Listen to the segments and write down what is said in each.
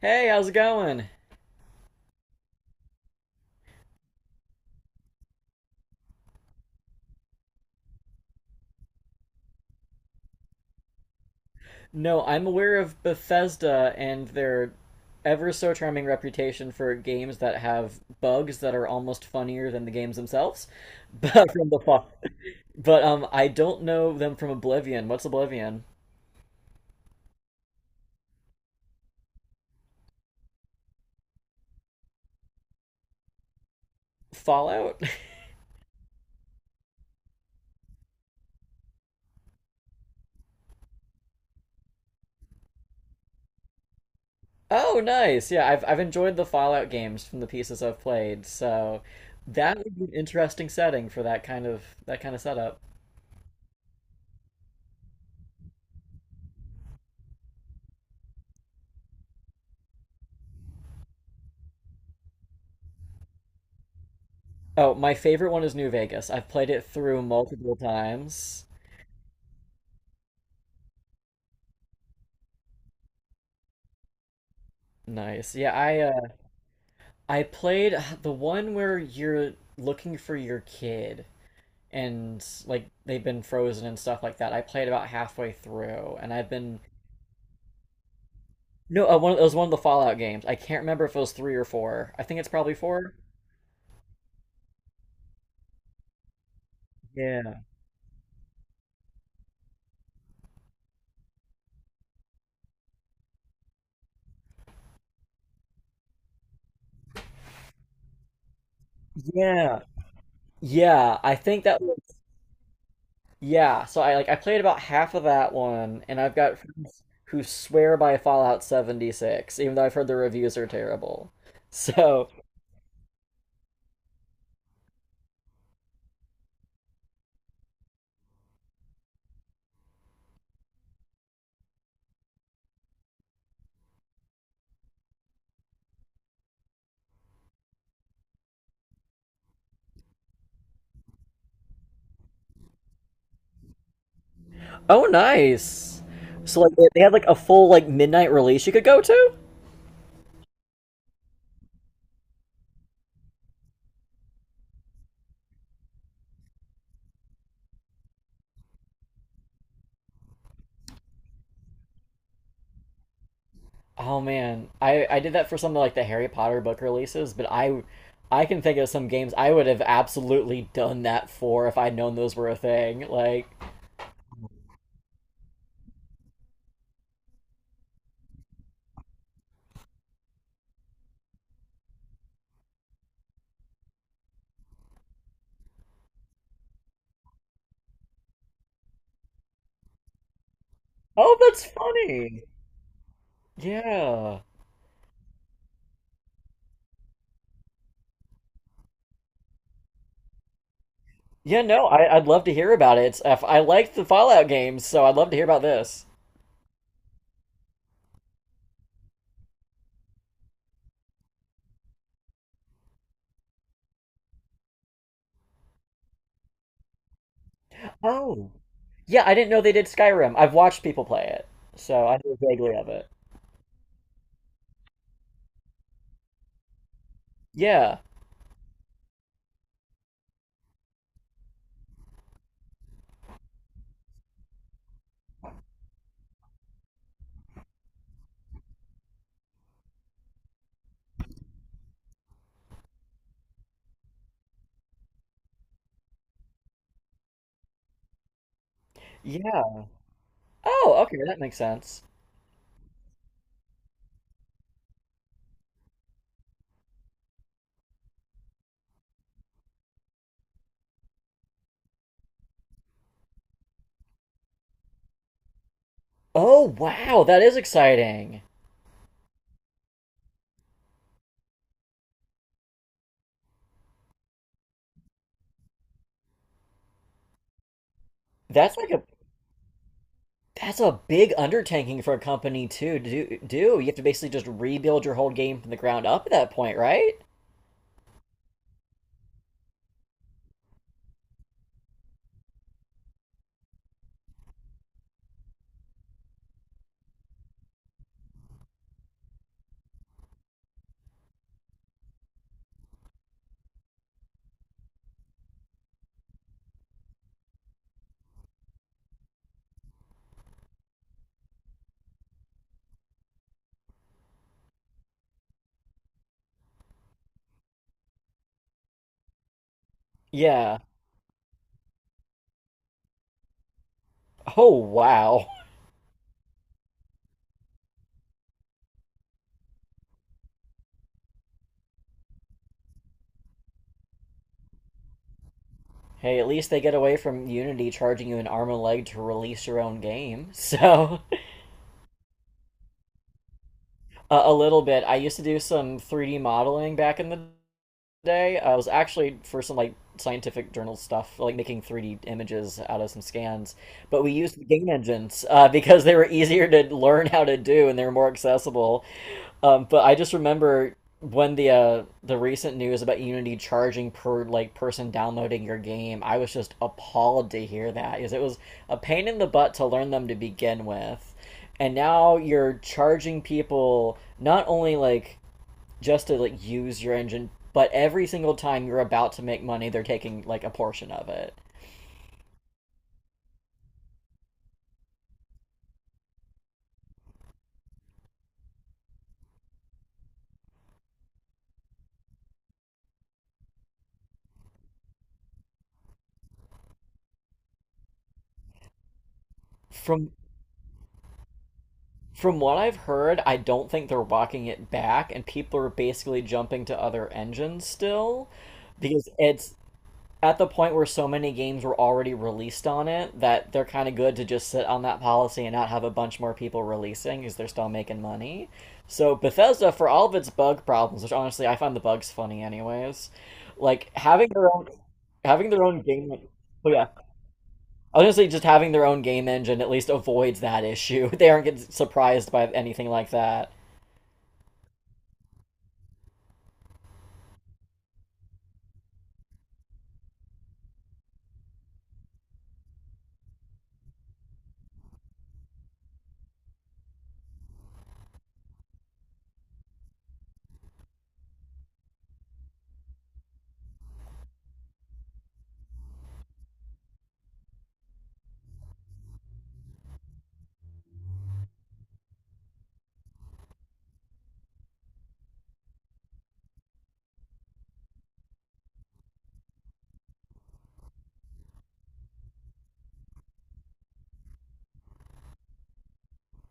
Hey, how's it going? No, I'm aware of Bethesda and their ever so charming reputation for games that have bugs that are almost funnier than the games themselves. But from the fall, but I don't know them from Oblivion. What's Oblivion? Fallout? Oh, nice. Yeah, I've enjoyed the Fallout games from the pieces I've played, so that would be an interesting setting for that kind of setup. Oh, my favorite one is New Vegas. I've played it through multiple times. Nice. Yeah, I played the one where you're looking for your kid and like they've been frozen and stuff like that. I played about halfway through, and I've been no, it was one of the Fallout games. I can't remember if it was three or four. I think it's probably four. Yeah, yeah, yeah. I think that was, yeah. So I like I played about half of that one, and I've got friends who swear by Fallout 76, even though I've heard the reviews are terrible. So oh, nice. So like they had like a full like midnight release you could go to. Oh man, I did that for some of like the Harry Potter book releases, but I can think of some games I would have absolutely done that for if I'd known those were a thing. Like, oh, that's funny. Yeah, yeah. No, I'd love to hear about it. If I like the Fallout games, so I'd love to hear about this. Oh, yeah. I didn't know they did Skyrim. I've watched people play it, so I know vaguely of it. Yeah, yeah. Oh, okay, that makes sense. Oh, wow, that is exciting. That's like a that's a big undertaking for a company to do. You have to basically just rebuild your whole game from the ground up at that point, right? Yeah. Oh, wow. Hey, at least they get away from Unity charging you an arm and a leg to release your own game. So, a little bit. I used to do some 3D modeling back in the today. I was actually for some like scientific journal stuff, like making 3D images out of some scans. But we used the game engines because they were easier to learn how to do and they were more accessible. But I just remember when the recent news about Unity charging per like person downloading your game, I was just appalled to hear that because it was a pain in the butt to learn them to begin with. And now you're charging people not only like just to like use your engine, but every single time you're about to make money, they're taking like a portion of it. From from what I've heard, I don't think they're walking it back, and people are basically jumping to other engines still because it's at the point where so many games were already released on it that they're kind of good to just sit on that policy and not have a bunch more people releasing because they're still making money. So Bethesda, for all of its bug problems, which honestly I find the bugs funny anyways, like having their own having their own game. Oh yeah, I was gonna say just having their own game engine at least avoids that issue. They aren't getting surprised by anything like that.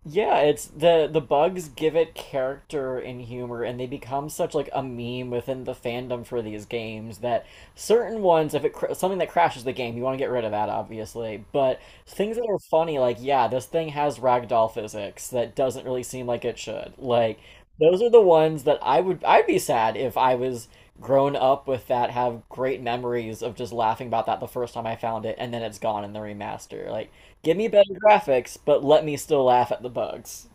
Yeah, it's the bugs give it character and humor, and they become such like a meme within the fandom for these games that certain ones, if it something that crashes the game, you want to get rid of that, obviously. But things that are funny, like yeah, this thing has ragdoll physics that doesn't really seem like it should. Like those are the ones that I'd be sad if I was grown up with that have great memories of just laughing about that the first time I found it and then it's gone in the remaster. Like give me better graphics, but let me still laugh at the bugs.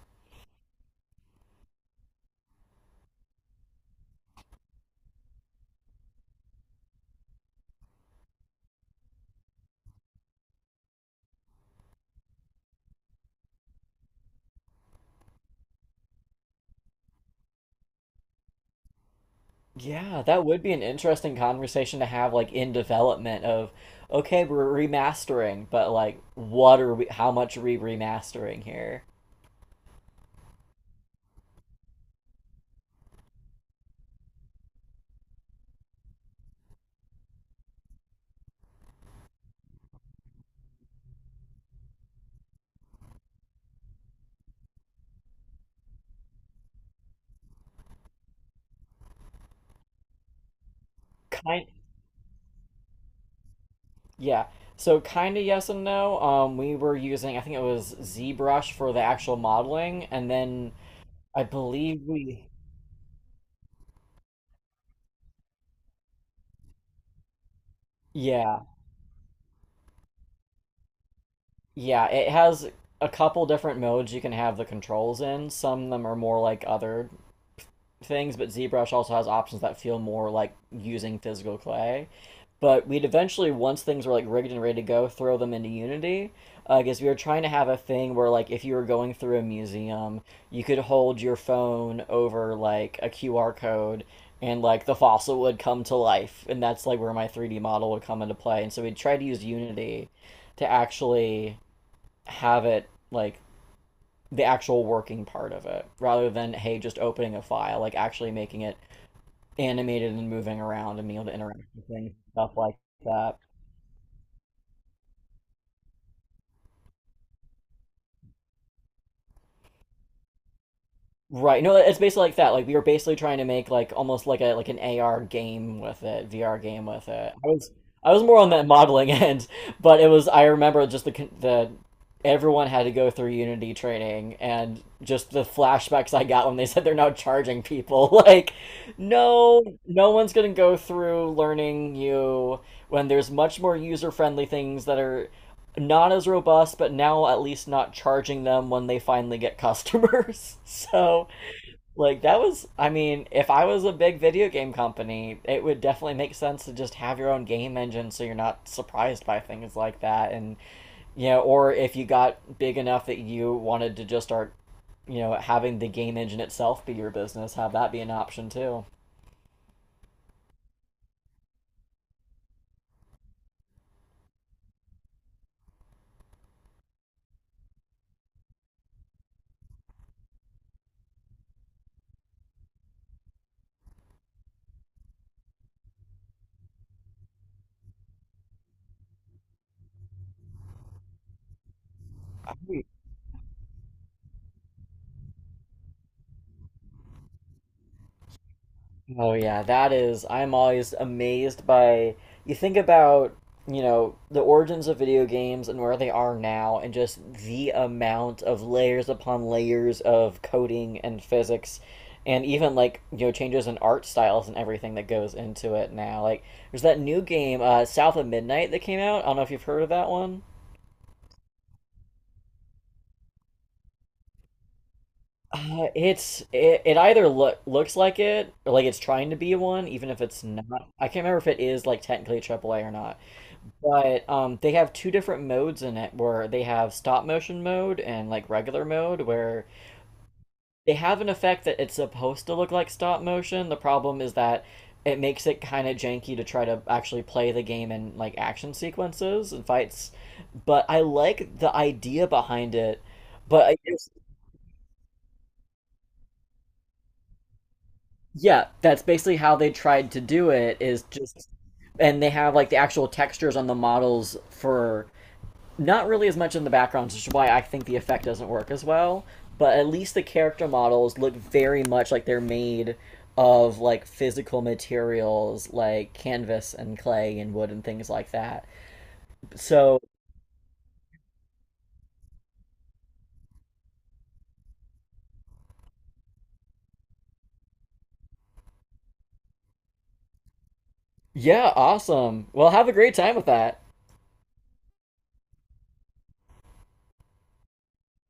Yeah, that would be an interesting conversation to have like in development of okay, we're remastering, but like what are we how much are we remastering here? Kind Yeah. So kind of yes and no. We were using I think it was ZBrush for the actual modeling, and then I believe we. Yeah, yeah. It has a couple different modes you can have the controls in. Some of them are more like other things, but ZBrush also has options that feel more like using physical clay. But we'd eventually, once things were like rigged and ready to go, throw them into Unity. Because we were trying to have a thing where, like, if you were going through a museum, you could hold your phone over like a QR code, and like the fossil would come to life, and that's like where my 3D model would come into play. And so we would try to use Unity to actually have it like the actual working part of it, rather than hey, just opening a file, like actually making it animated and moving around and being able to interact with things, stuff like that. Right. No, it's basically like that. Like we were basically trying to make like almost like an AR game with it, VR game with it. I was more on that modeling end, but it was I remember just the everyone had to go through Unity training and just the flashbacks I got when they said they're now charging people. Like, no one's gonna go through learning you when there's much more user-friendly things that are not as robust, but now at least not charging them when they finally get customers. So, like, that was, I mean, if I was a big video game company, it would definitely make sense to just have your own game engine so you're not surprised by things like that. And, you know, or if you got big enough that you wanted to just start, you know, having the game engine itself be your business, have that be an option too. Oh yeah, that is. I'm always amazed by. You think about, you know, the origins of video games and where they are now, and just the amount of layers upon layers of coding and physics, and even like you know changes in art styles and everything that goes into it now. Like there's that new game, South of Midnight, that came out. I don't know if you've heard of that one. It's it either looks like it or like it's trying to be one, even if it's not. I can't remember if it is like technically a triple A or not. But they have two different modes in it where they have stop motion mode and like regular mode where they have an effect that it's supposed to look like stop motion. The problem is that it makes it kind of janky to try to actually play the game in like action sequences and fights. But I like the idea behind it. But I guess, yeah, that's basically how they tried to do it is just and they have like the actual textures on the models for not really as much in the background, which is why I think the effect doesn't work as well. But at least the character models look very much like they're made of like physical materials like canvas and clay and wood and things like that. So yeah, awesome. Well, have a great time with that.